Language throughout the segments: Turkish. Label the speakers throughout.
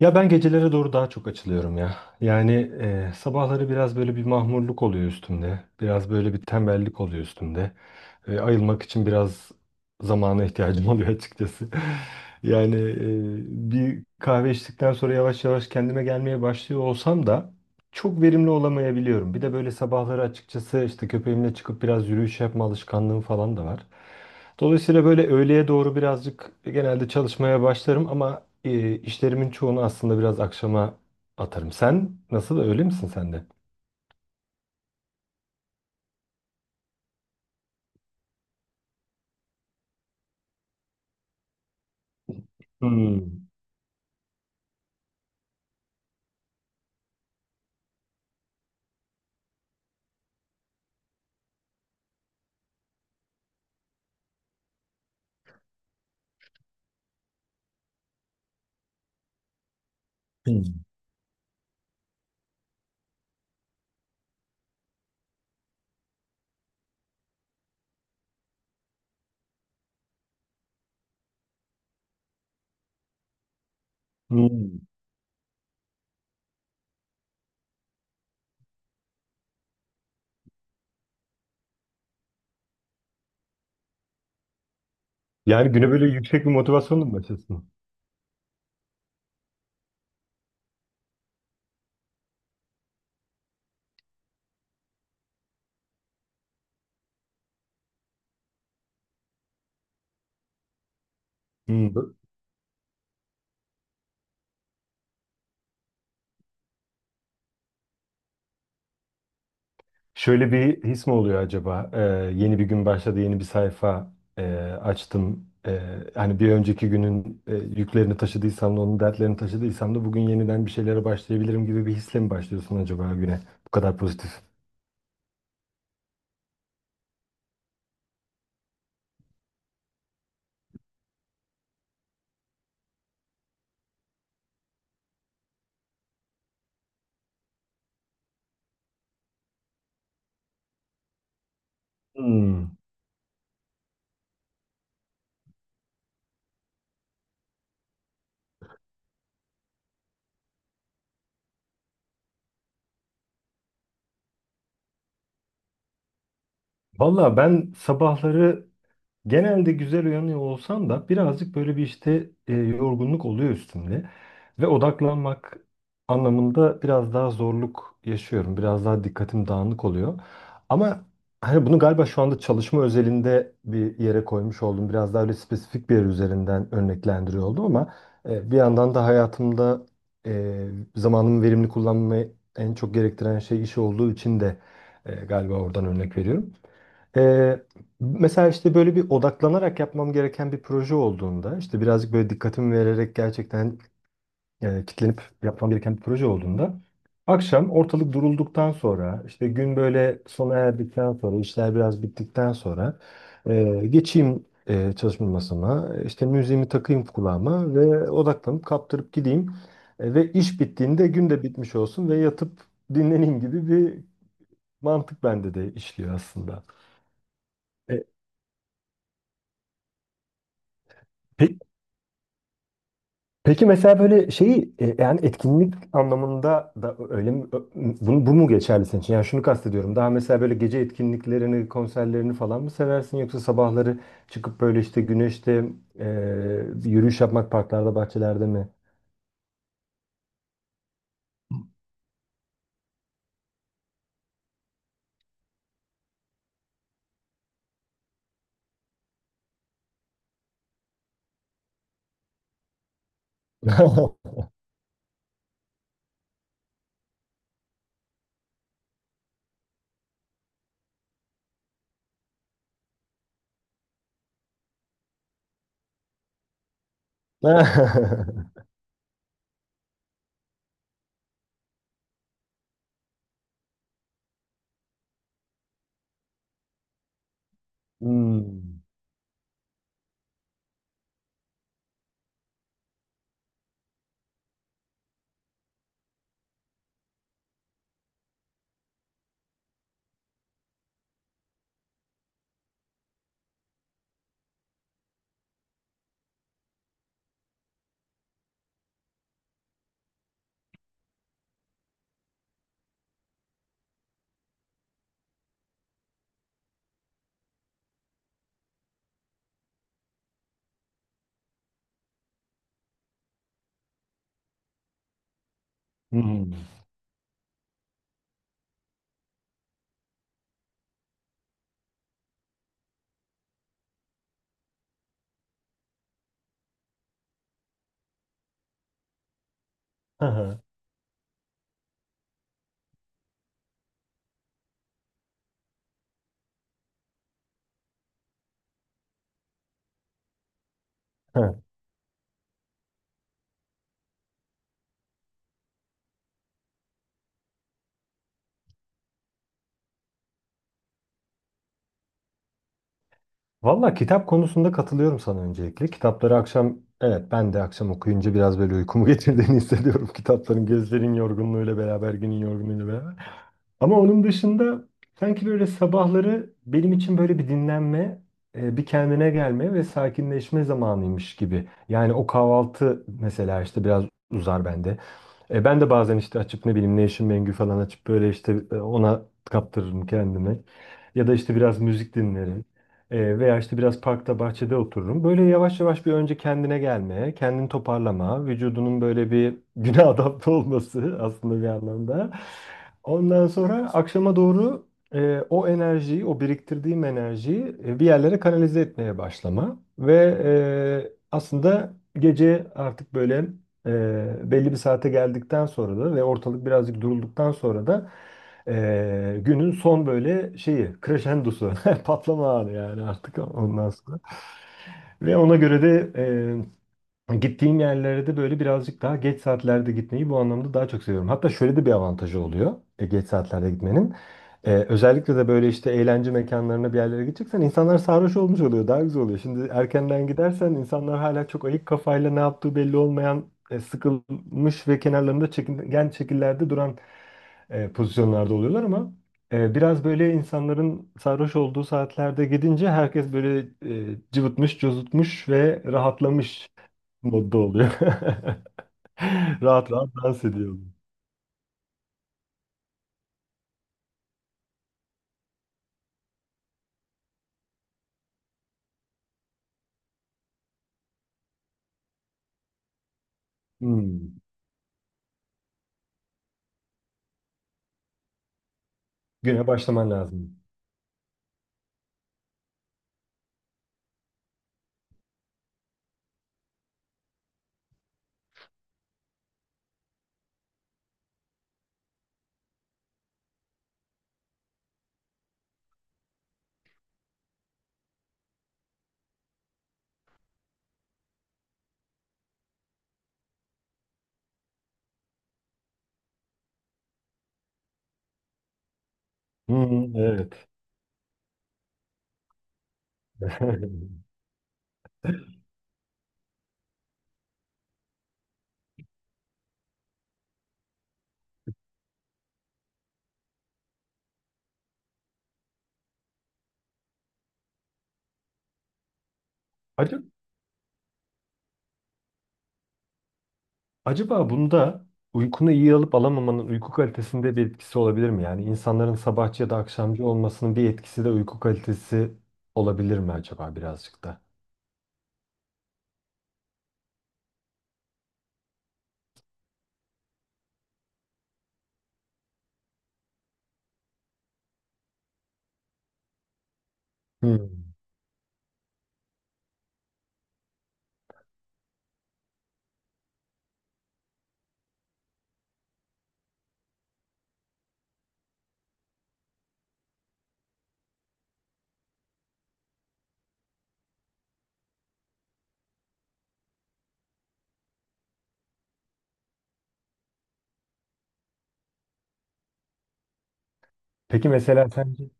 Speaker 1: Ya ben gecelere doğru daha çok açılıyorum ya. Yani sabahları biraz böyle bir mahmurluk oluyor üstümde. Biraz böyle bir tembellik oluyor üstümde. Ayılmak için biraz zamana ihtiyacım oluyor açıkçası. Yani bir kahve içtikten sonra yavaş yavaş kendime gelmeye başlıyor olsam da çok verimli olamayabiliyorum. Bir de böyle sabahları açıkçası işte köpeğimle çıkıp biraz yürüyüş yapma alışkanlığım falan da var. Dolayısıyla böyle öğleye doğru birazcık genelde çalışmaya başlarım ama işlerimin çoğunu aslında biraz akşama atarım. Sen nasıl öyle misin sen de? Hmm. Hmm. Hmm. Yani güne böyle yüksek bir motivasyonla mı başlasın? Hmm. Şöyle bir his mi oluyor acaba? Yeni bir gün başladı, yeni bir sayfa açtım. Hani bir önceki günün yüklerini taşıdıysam da onun dertlerini taşıdıysam da bugün yeniden bir şeylere başlayabilirim gibi bir hisle mi başlıyorsun acaba güne? Bu kadar pozitif. Hmm. Valla ben sabahları genelde güzel uyanıyor olsam da birazcık böyle bir işte yorgunluk oluyor üstümde. Ve odaklanmak anlamında biraz daha zorluk yaşıyorum. Biraz daha dikkatim dağınık oluyor. Ama hani bunu galiba şu anda çalışma özelinde bir yere koymuş oldum. Biraz daha öyle spesifik bir yer üzerinden örneklendiriyor oldum ama bir yandan da hayatımda e, zamanımı verimli kullanmayı en çok gerektiren şey iş olduğu için de galiba oradan örnek veriyorum. Ee, mesela işte böyle bir odaklanarak yapmam gereken bir proje olduğunda, işte birazcık böyle dikkatimi vererek gerçekten kitlenip yapmam gereken bir proje olduğunda, akşam ortalık durulduktan sonra, işte gün böyle sona erdikten sonra, işler biraz bittikten sonra geçeyim çalışma masama, işte müziğimi takayım kulağıma ve odaklanıp kaptırıp gideyim. Ve iş bittiğinde gün de bitmiş olsun ve yatıp dinleneyim gibi bir mantık bende de işliyor aslında. E, Peki Peki mesela böyle şeyi yani etkinlik anlamında da öyle mi? Bu mu geçerli senin için? Yani şunu kastediyorum. Daha mesela böyle gece etkinliklerini, konserlerini falan mı seversin yoksa sabahları çıkıp böyle işte güneşte e, yürüyüş yapmak parklarda, bahçelerde mi? Hmm. Hmm. Aha. Valla kitap konusunda katılıyorum sana öncelikle. Kitapları akşam, evet ben de akşam okuyunca biraz böyle uykumu getirdiğini hissediyorum. Kitapların gözlerin yorgunluğuyla beraber, günün yorgunluğuyla beraber. Ama onun dışında sanki böyle sabahları benim için böyle bir dinlenme, bir kendine gelme ve sakinleşme zamanıymış gibi. Yani o kahvaltı mesela işte biraz uzar bende. Ben de bazen işte açıp ne bileyim Nation Mengü falan açıp böyle işte ona kaptırırım kendimi. Ya da işte biraz müzik dinlerim. Veya işte biraz parkta bahçede otururum. Böyle yavaş yavaş bir önce kendine gelmeye, kendini toparlama, vücudunun böyle bir güne adapte olması aslında bir anlamda. Ondan sonra akşama doğru o enerjiyi, o biriktirdiğim enerjiyi bir yerlere kanalize etmeye başlama. Ve aslında gece artık böyle belli bir saate geldikten sonra da ve ortalık birazcık durulduktan sonra da günün son böyle şeyi, crescendosu, patlama anı yani artık ondan sonra. Ve ona göre de gittiğim yerlere de böyle birazcık daha geç saatlerde gitmeyi bu anlamda daha çok seviyorum. Hatta şöyle de bir avantajı oluyor geç saatlerde gitmenin. Özellikle de böyle işte eğlence mekanlarına bir yerlere gideceksen insanlar sarhoş olmuş oluyor. Daha güzel oluyor. Şimdi erkenden gidersen insanlar hala çok ayık kafayla ne yaptığı belli olmayan sıkılmış ve kenarlarında çekingen şekillerde duran pozisyonlarda oluyorlar ama biraz böyle insanların sarhoş olduğu saatlerde gidince herkes böyle cıvıtmış, cozutmuş ve rahatlamış modda oluyor. Rahat rahat dans ediyor. Hmm. Güne başlaman lazım. Hmm, evet. Acaba, acaba bunda uykunu iyi alıp alamamanın uyku kalitesinde bir etkisi olabilir mi? Yani insanların sabahçı ya da akşamcı olmasının bir etkisi de uyku kalitesi olabilir mi acaba birazcık da? Hmm. Peki mesela sence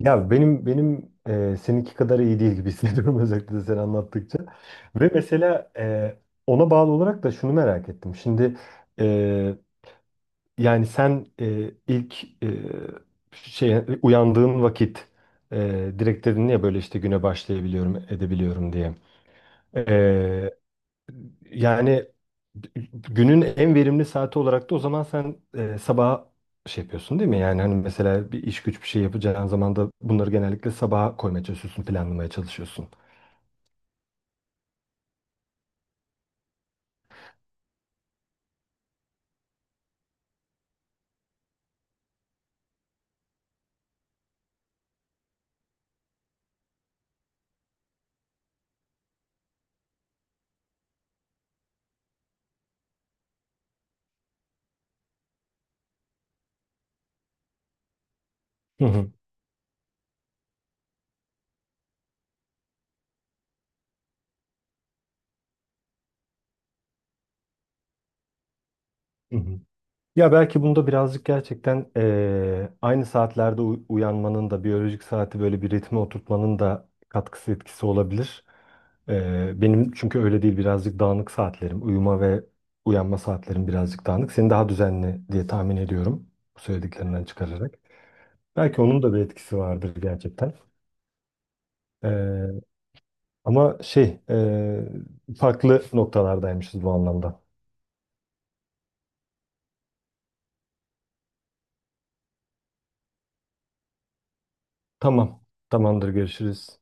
Speaker 1: ya benim seninki kadar iyi değil gibi hissediyorum özellikle sen anlattıkça. Ve mesela ona bağlı olarak da şunu merak ettim. Şimdi e, yani sen ilk şey uyandığın vakit direkt dedin ya böyle işte güne başlayabiliyorum, edebiliyorum diye. E, yani günün en verimli saati olarak da o zaman sen sabah şey yapıyorsun değil mi? Yani hani mesela bir iş güç bir şey yapacağın zaman da bunları genellikle sabaha koymaya çalışıyorsun, planlamaya çalışıyorsun. Hı hı. Hı hı. Ya belki bunda birazcık gerçekten aynı saatlerde uyanmanın da biyolojik saati böyle bir ritme oturtmanın da katkısı etkisi olabilir. Benim çünkü öyle değil birazcık dağınık saatlerim. Uyuma ve uyanma saatlerim birazcık dağınık. Senin daha düzenli diye tahmin ediyorum bu söylediklerinden çıkararak. Belki onun da bir etkisi vardır gerçekten. Eee, ama şey farklı noktalardaymışız bu anlamda. Tamam, tamamdır görüşürüz.